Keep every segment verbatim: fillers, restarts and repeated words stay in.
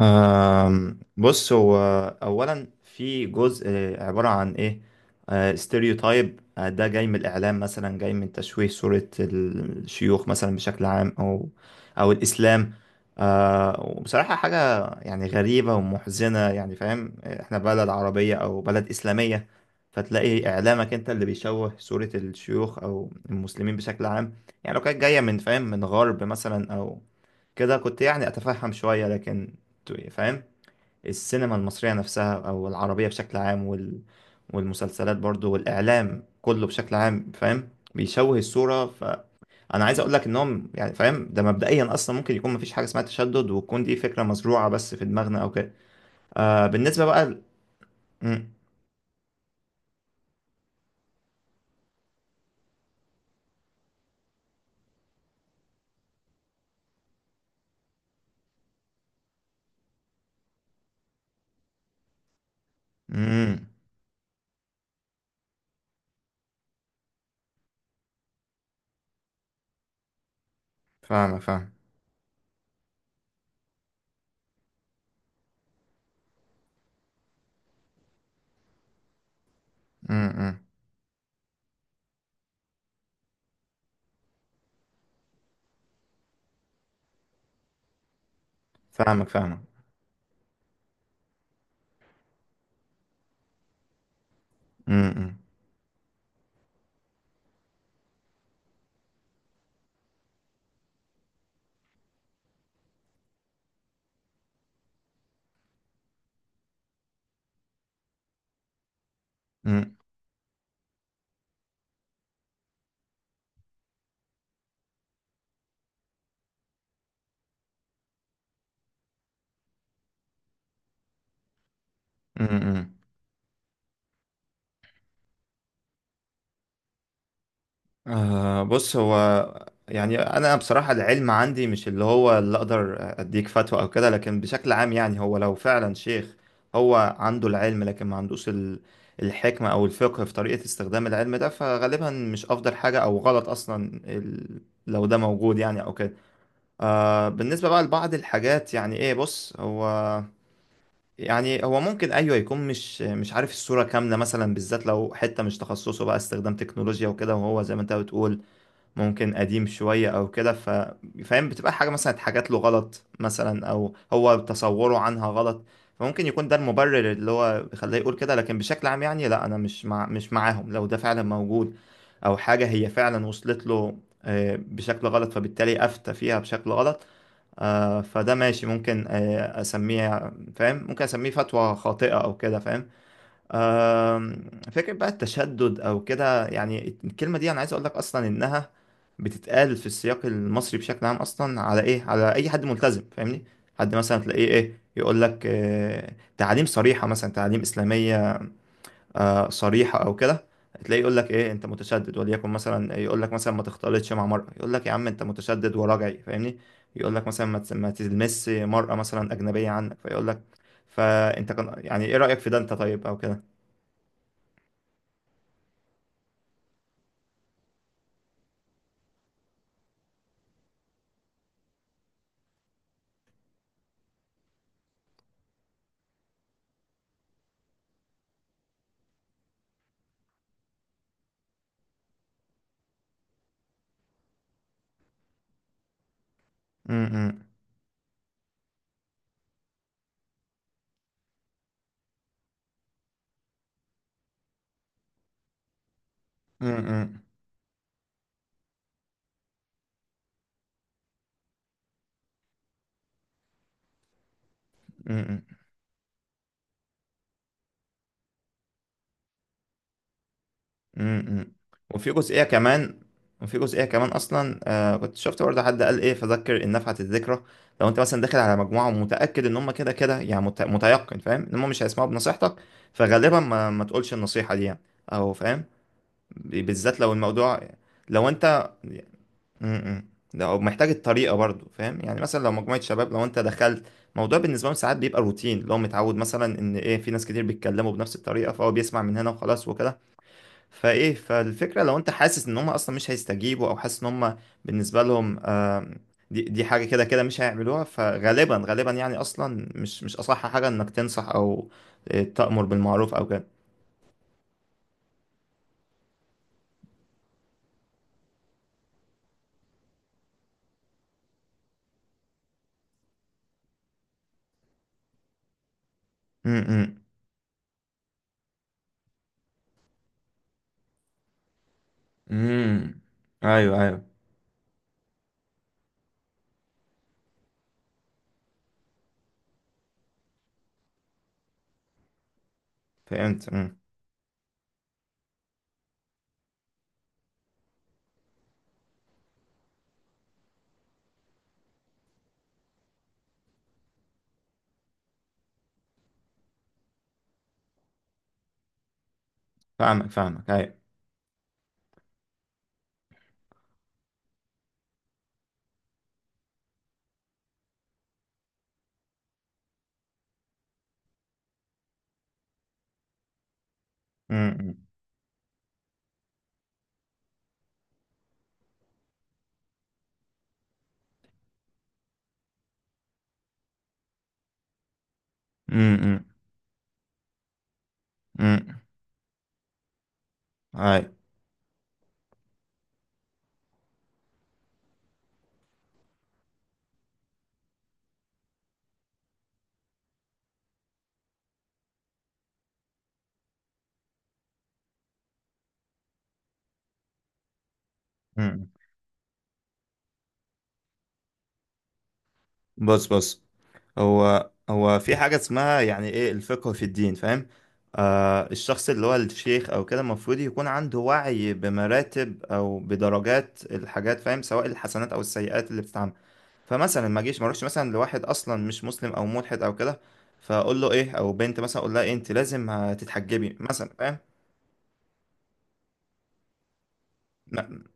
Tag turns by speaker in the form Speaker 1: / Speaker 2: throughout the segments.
Speaker 1: أم، بص هو اولا في جزء عباره عن ايه ستيريوتايب ده جاي من الاعلام مثلا جاي من تشويه صوره الشيوخ مثلا بشكل عام او او الاسلام. أه، وبصراحه حاجه يعني غريبه ومحزنه. يعني فاهم احنا بلد عربيه او بلد اسلاميه، فتلاقي اعلامك انت اللي بيشوه صوره الشيوخ او المسلمين بشكل عام. يعني لو كانت جايه من فاهم من غرب مثلا او كده كنت يعني أتفهم شوية، لكن تو- فاهم السينما المصرية نفسها أو العربية بشكل عام وال... والمسلسلات برضو والإعلام كله بشكل عام فاهم بيشوه الصورة. فأنا عايز أقول لك إنهم يعني فاهم ده مبدئيا أصلا ممكن يكون مفيش حاجة اسمها تشدد وتكون دي فكرة مزروعة بس في دماغنا أو كده. آه بالنسبة بقى ل... مم. مم. فاهمك فاهم. مم. مم. فاهمك فاهمك. مم. مم. مم. مم. آه بص هو، يعني انا بصراحة العلم عندي مش اللي هو اللي اقدر اديك فتوى او كده، لكن بشكل عام يعني هو لو فعلا شيخ هو عنده العلم لكن ما عندوش ال- الحكمة او الفقه في طريقة استخدام العلم ده فغالبا مش افضل حاجة او غلط اصلا ال- لو ده موجود يعني او كده. آه بالنسبة بقى لبعض الحاجات يعني ايه بص هو، يعني هو ممكن ايوه يكون مش مش عارف الصورة كاملة مثلا بالذات لو حتة مش تخصصه بقى استخدام تكنولوجيا وكده، وهو زي ما انت بتقول ممكن قديم شوية أو كده ف فاهم بتبقى حاجة مثلا اتحاجت له غلط مثلا أو هو تصوره عنها غلط. فممكن يكون ده المبرر اللي هو بيخليه يقول كده، لكن بشكل عام يعني لا أنا مش مع مش معاهم لو ده فعلا موجود أو حاجة هي فعلا وصلت له آه، بشكل غلط فبالتالي أفتى فيها بشكل غلط. آه، فده ماشي، ممكن آه، أسميه فاهم ممكن أسميه فتوى خاطئة أو كده فاهم. آم، فكرة بقى التشدد أو كده يعني الكلمة دي أنا عايز أقول لك أصلا إنها بتتقال في السياق المصري بشكل عام أصلا على إيه؟ على أي حد ملتزم فاهمني؟ حد مثلا تلاقيه إيه يقول لك آه، تعاليم صريحة مثلا تعاليم إسلامية آه، صريحة أو كده. تلاقيه يقول لك إيه أنت متشدد، وليكن مثلا يقول لك مثلا ما تختلطش مع مرأة يقول لك يا عم أنت متشدد وراجعي فاهمني؟ يقول لك مثلا ما تس- ما تلمس مرأة مثلا أجنبية عنك فيقول لك فأنت كان يعني إيه رأيك في ده أنت طيب أو كده؟ امم. امم. امم. امم. وفي جزئية كمان. وفي جزئية كمان أصلا آه كنت شفت برضه حد قال إيه فذكر إن نفعت الذكرى. لو أنت مثلا داخل على مجموعة ومتأكد إن هم كده كده يعني مت- متيقن فاهم إن هم مش هيسمعوا بنصيحتك فغالبا ما, ما تقولش النصيحة دي يعني أو فاهم ب- بالذات لو الموضوع لو أنت. امم. ده محتاج الطريقه برضو فاهم. يعني مثلا لو مجموعه شباب لو انت دخلت موضوع بالنسبه لهم ساعات بيبقى روتين، لو متعود مثلا ان ايه في ناس كتير بيتكلموا بنفس الطريقه فهو بيسمع من هنا وخلاص وكده. فايه فالفكره لو انت حاسس ان هم اصلا مش هيستجيبوا او حاسس ان هم بالنسبه لهم آم، دي دي حاجه كده كده مش هيعملوها فغالبا غالبا يعني اصلا مش مش اصح حاجه انك تنصح او آه، تأمر بالمعروف او كده. امم. امم. ايوه ايوه. فهمت امم. فاهمك فاهمك ايوه. امم. امم. امم. اي. امم. بص بص هو هو في حاجة اسمها يعني ايه الفقه في الدين فاهم. آه الشخص اللي هو الشيخ او كده المفروض يكون عنده وعي بمراتب او بدرجات الحاجات فاهم سواء الحسنات او السيئات اللي بتتعمل. فمثلا ما اجيش ما اروحش مثلا لواحد اصلا مش مسلم او ملحد او كده فاقول له ايه، او بنت مثلا اقول لها إيه انت لازم هتتحجبي مثلا فاهم.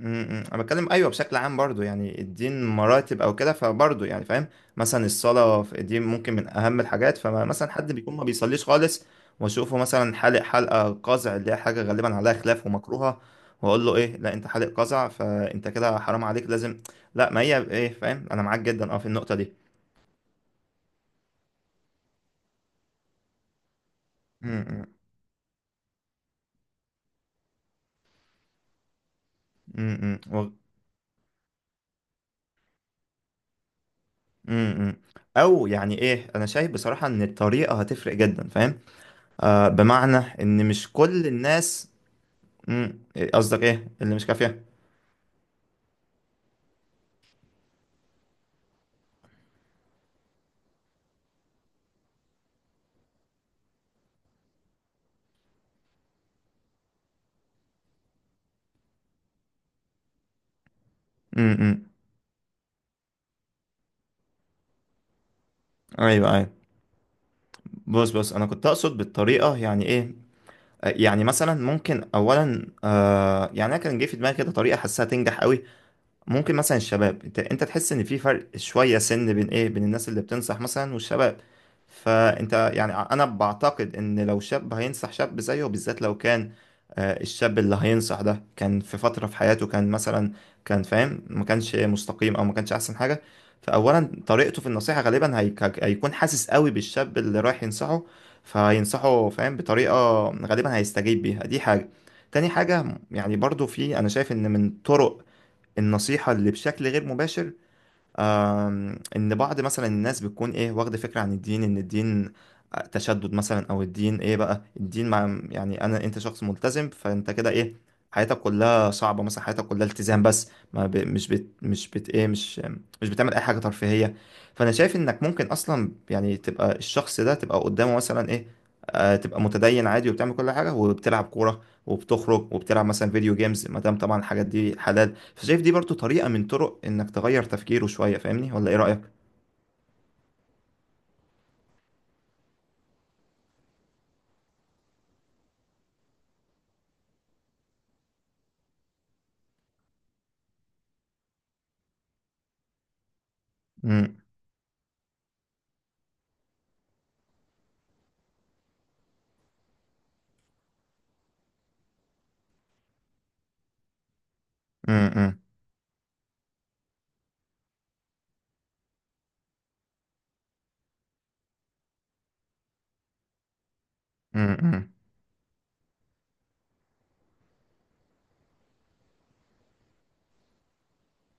Speaker 1: امم. امم. انا بتكلم ايوه بشكل عام برضو، يعني الدين مراتب او كده فبرضو يعني فاهم. مثلا الصلاه في الدين ممكن من اهم الحاجات، فمثلا حد بيكون ما بيصليش خالص واشوفه مثلا حالق حلقه قزع اللي هي حاجه غالبا عليها خلاف ومكروهه واقول له ايه لا انت حالق قزع فانت كده حرام عليك لازم. لا ما هي ايه فاهم انا معاك جدا اه في النقطه دي. امم امم. امم، امم. و- امم امم. او يعني ايه، انا شايف بصراحه ان الطريقه هتفرق جدا فاهم. آه بمعنى ان مش كل الناس. امم. قصدك ايه اللي مش كافيه؟ امم. ايوه ايوه. بص بص انا كنت اقصد بالطريقه يعني ايه آه، يعني مثلا ممكن اولا آه يعني انا كان جه في دماغي كده طريقه حاسها تنجح قوي. ممكن مثلا الشباب انت انت تحس ان في فرق شويه سن بين ايه بين الناس اللي بتنصح مثلا والشباب، فانت يعني انا بعتقد ان لو شاب هينصح شاب زيه، بالذات لو كان آه، الشاب اللي هينصح ده كان في فتره في حياته كان مثلا كان فاهم ما كانش مستقيم او ما كانش احسن حاجه. فاولا طريقته في النصيحه غالبا هيك- هيكون حاسس قوي بالشاب اللي رايح ينصحه فهينصحه فاهم بطريقه غالبا هيستجيب بيها. دي حاجه. تاني حاجة يعني برضو في، أنا شايف إن من طرق النصيحة اللي بشكل غير مباشر، آم، إن بعض مثلا الناس بتكون إيه واخدة فكرة عن الدين إن الدين آه، تشدد مثلا أو الدين إيه بقى الدين مع يعني أنا أنت شخص ملتزم فأنت كده إيه حياتك كلها صعبة مثلا حياتك كلها التزام بس ما ب... مش بت... مش بت... إيه مش مش بتعمل أي حاجة ترفيهية. فأنا شايف إنك ممكن أصلا يعني تبقى الشخص ده تبقى قدامه مثلا إيه آه، تبقى متدين عادي وبتعمل كل حاجة وبتلعب كورة وبتخرج وبتلعب مثلا فيديو جيمز ما دام طبعا الحاجات دي حلال. فشايف دي برضو طريقة من طرق انك تغير تفكيره شوية. فاهمني ولا ايه رأيك؟ امم امم امم.